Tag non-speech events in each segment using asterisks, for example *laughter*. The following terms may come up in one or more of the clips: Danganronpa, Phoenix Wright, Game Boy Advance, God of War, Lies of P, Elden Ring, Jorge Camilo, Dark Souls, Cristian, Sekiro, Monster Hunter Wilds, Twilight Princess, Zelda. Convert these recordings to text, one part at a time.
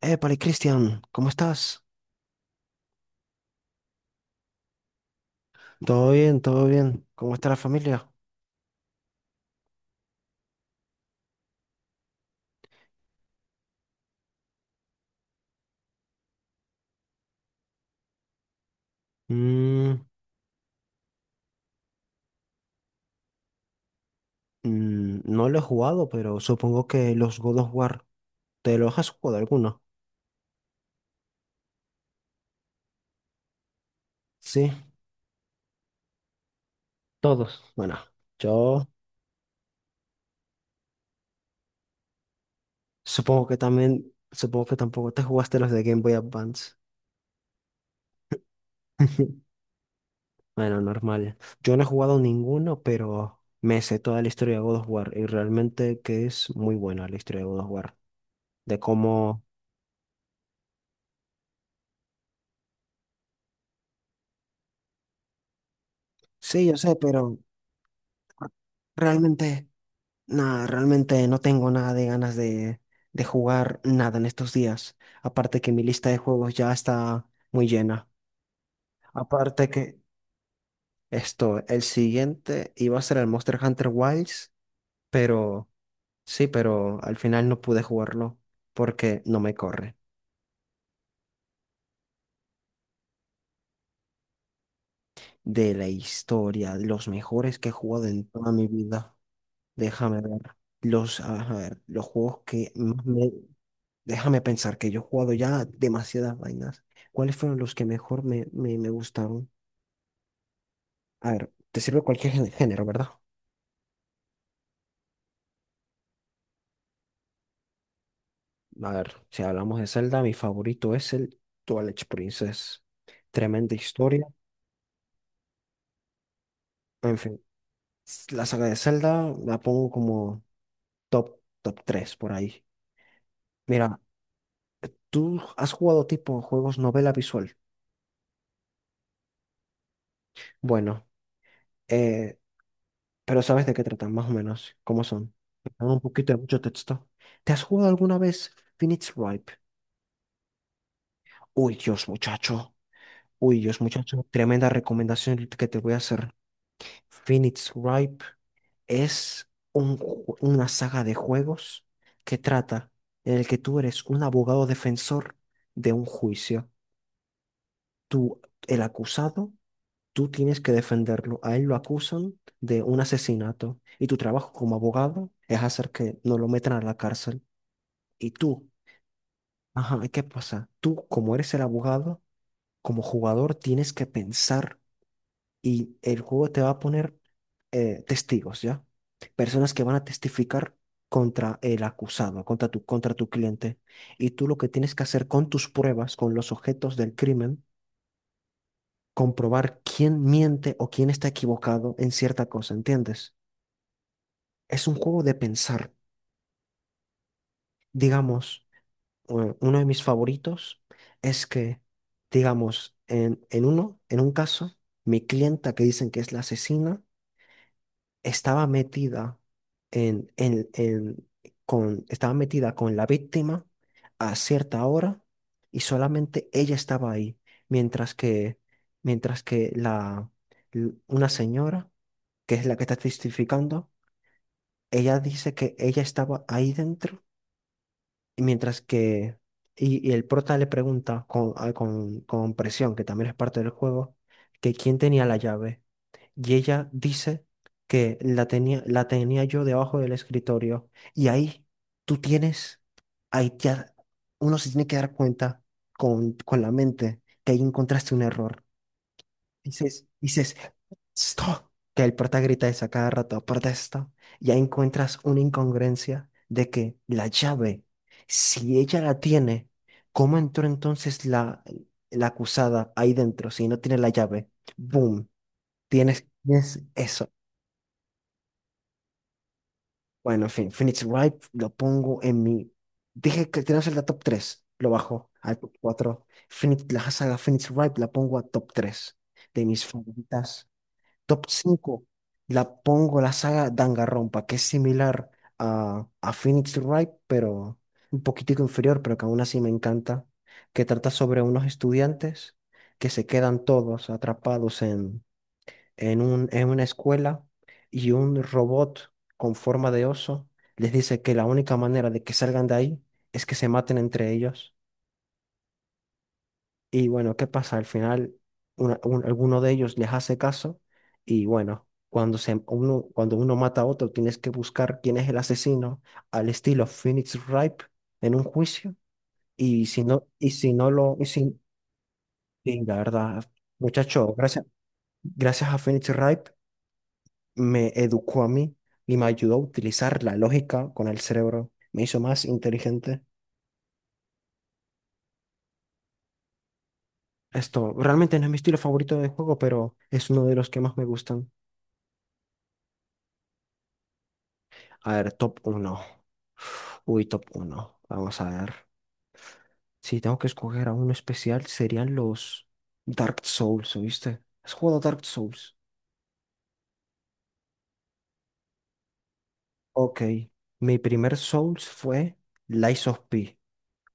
Épale, Cristian, ¿cómo estás? Todo bien, todo bien. ¿Cómo está la familia? Mm, no lo he jugado, pero supongo que los God of War, ¿te los has jugado alguno? Sí, todos. Bueno, yo supongo que también, supongo que tampoco te jugaste los de Game Boy Advance. *laughs* Bueno, normal. Yo no he jugado ninguno, pero me sé toda la historia de God of War y realmente que es muy buena la historia de God of War. De cómo... Sí, yo sé, pero realmente... Nada, realmente no tengo nada de ganas de jugar nada en estos días. Aparte que mi lista de juegos ya está muy llena. Aparte que esto, el siguiente iba a ser el Monster Hunter Wilds, pero sí, pero al final no pude jugarlo porque no me corre. De la historia, de los mejores que he jugado en toda mi vida. Déjame ver. Los, a ver, los juegos que más me, déjame pensar que yo he jugado ya demasiadas vainas. ¿Cuáles fueron los que mejor me gustaron? A ver, te sirve cualquier género, ¿verdad? A ver, si hablamos de Zelda, mi favorito es el Twilight Princess. Tremenda historia. En fin, la saga de Zelda la pongo como top 3 por ahí. Mira, tú has jugado tipo juegos novela visual. Bueno, eh, pero sabes de qué tratan, más o menos, cómo son. Dan un poquito de mucho texto. ¿Te has jugado alguna vez Phoenix Wright? Uy, Dios, muchacho. Uy, Dios, muchacho. Tremenda recomendación que te voy a hacer. Phoenix Ripe es una saga de juegos que trata en el que tú eres un abogado defensor de un juicio. Tú, el acusado, tú tienes que defenderlo. A él lo acusan de un asesinato y tu trabajo como abogado es hacer que no lo metan a la cárcel. Y tú, ajá, ¿y ¿qué pasa? Tú, como eres el abogado, como jugador, tienes que pensar y el juego te va a poner testigos, ¿ya? Personas que van a testificar contra el acusado, contra tu cliente. Y tú lo que tienes que hacer con tus pruebas, con los objetos del crimen, comprobar quién miente o quién está equivocado en cierta cosa, ¿entiendes? Es un juego de pensar. Digamos, uno de mis favoritos es que, digamos, en uno, mi clienta que dicen que es la asesina, estaba metida en, en, en- con, estaba metida con la víctima a cierta hora y solamente ella estaba ahí, mientras que, mientras que una señora, que es la que está testificando, ella dice que ella estaba ahí dentro y mientras que, y el prota le pregunta con presión, que también es parte del juego, que quién tenía la llave. Y ella dice que la tenía yo debajo del escritorio. Y ahí tú tienes, ahí ya uno se tiene que dar cuenta con la mente que ahí encontraste un error. Dices, stop, que el prota grita esa cada rato, protesta. Y ahí encuentras una incongruencia de que la llave, si ella la tiene, ¿cómo entró entonces la acusada ahí dentro si no tiene la llave? Boom. Tienes eso. Bueno, en fin, Phoenix Wright lo pongo en mi. Dije que tenemos el de top tres. Lo bajo al top cuatro. Phoenix, la saga Phoenix Wright la pongo a top 3 de mis favoritas. Top 5 la pongo la saga Danganronpa, que es similar a Phoenix Wright, pero un poquitico inferior, pero que aún así me encanta. Que trata sobre unos estudiantes que se quedan todos atrapados en una escuela y un robot con forma de oso les dice que la única manera de que salgan de ahí es que se maten entre ellos. Y bueno, ¿qué pasa? Al final, alguno de ellos les hace caso y bueno, cuando uno mata a otro, tienes que buscar quién es el asesino al estilo Phoenix Wright en un juicio. Y si no lo, y si, y la verdad, muchacho, gracias a Phoenix Wright me educó a mí y me ayudó a utilizar la lógica con el cerebro. Me hizo más inteligente. Esto realmente no es mi estilo favorito de juego, pero es uno de los que más me gustan. A ver, uy, top uno. Vamos a ver. Si tengo que escoger a uno especial, serían los Dark Souls, ¿oíste? ¿Has jugado Dark Souls? Ok. Mi primer Souls fue Lies of P,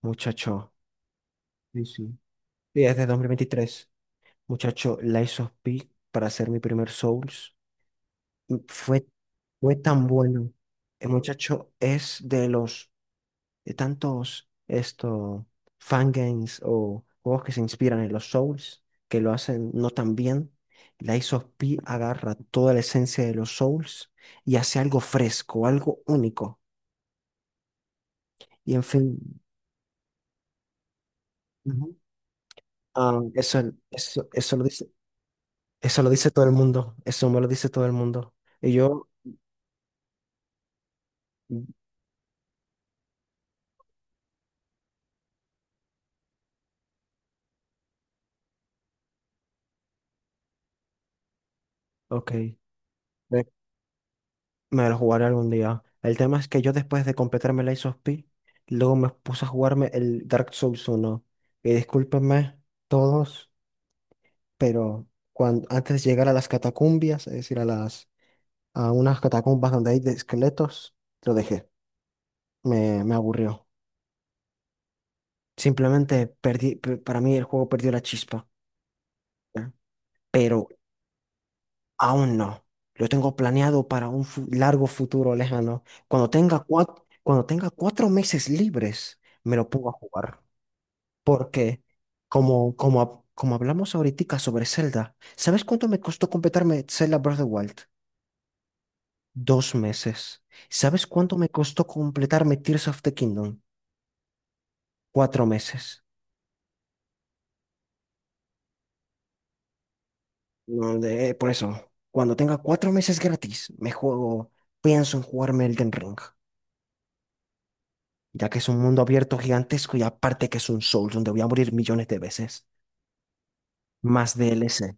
muchacho. Sí, sí. Y es de dos mil veintitrés. Muchacho, Lies of P para hacer mi primer Souls mm, fue, fue tan bueno. El muchacho es de los de tantos esto fangames o juegos que se inspiran en los Souls que lo hacen no tan bien. Lies of P agarra toda la esencia de los Souls y hace algo fresco, algo único. Y en fin, ujú, ah, eso, eso, eso lo dice, eso lo dice todo el mundo. Eso me lo dice todo el mundo. Y yo, ok, me lo jugaré algún día. El tema es que yo después de completarme el Ice of P, luego me puse a jugarme el Dark Souls uno. Y discúlpenme todos, pero cuando, antes de llegar a las catacumbias, es decir, a las a unas catacumbas donde hay de esqueletos, lo dejé. Me aburrió. Simplemente para mí el juego perdió la chispa. ¿Ya? Pero aún no. Lo tengo planeado para un largo futuro lejano. Cuando tenga cuatro meses libres, me lo pongo a jugar. Porque, como hablamos ahorita sobre Zelda, ¿sabes cuánto me costó completarme Zelda Breath of the Wild? Dos meses. ¿Sabes cuánto me costó completarme Tears of the Kingdom? Cuatro meses. No, de- por eso, cuando tenga cuatro meses gratis, pienso en jugarme Elden Ring, ya que es un mundo abierto gigantesco y aparte que es un Souls donde voy a morir millones de veces. Más DLC.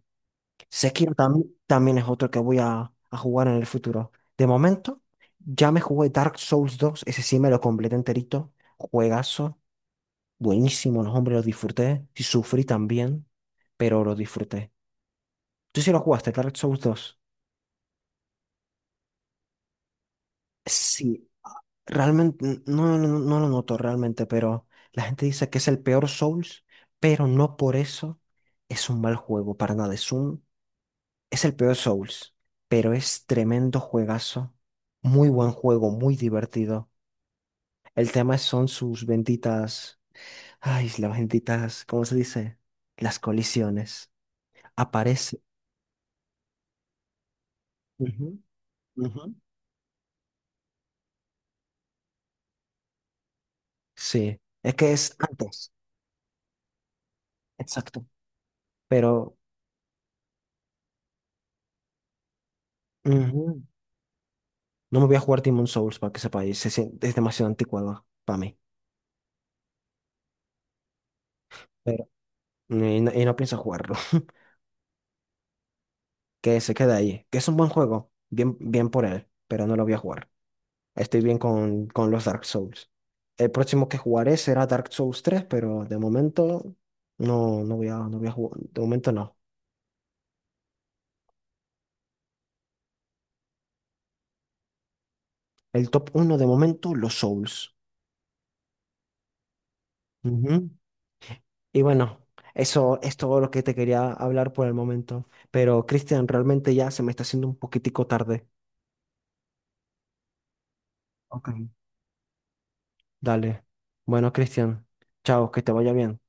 También es otro que a jugar en el futuro. De momento, ya me jugué Dark Souls dos, ese sí me lo completé enterito. Juegazo, buenísimo, los hombres lo disfruté. Sí sufrí también, pero lo disfruté. ¿Tú sí lo jugaste, Dark Souls dos? Sí, realmente, no lo noto realmente, pero la gente dice que es el peor Souls, pero no por eso es un mal juego, para nada. Es el peor Souls, pero es tremendo juegazo, muy buen juego, muy divertido. El tema son sus benditas, ay, las benditas, ¿cómo se dice? Las colisiones. Aparece. Ujú, ujú. Sí, es que es antes, exacto, pero... ujú, no me voy a jugar Demon Souls para que sepáis. Es demasiado anticuado para mí. Pero, y no pienso jugarlo. *laughs* Que se quede ahí. Que es un buen juego. Bien, bien por él. Pero no lo voy a jugar. Estoy bien con los Dark Souls. El próximo que jugaré será Dark Souls tres, pero de momento no voy a, no voy a jugar. De momento no. El top uno de momento, los Souls. Ujú. Y bueno, eso es todo lo que te quería hablar por el momento. Pero Cristian, realmente ya se me está haciendo un poquitico tarde. Ok. Dale. Bueno, Cristian, chao, que te vaya bien.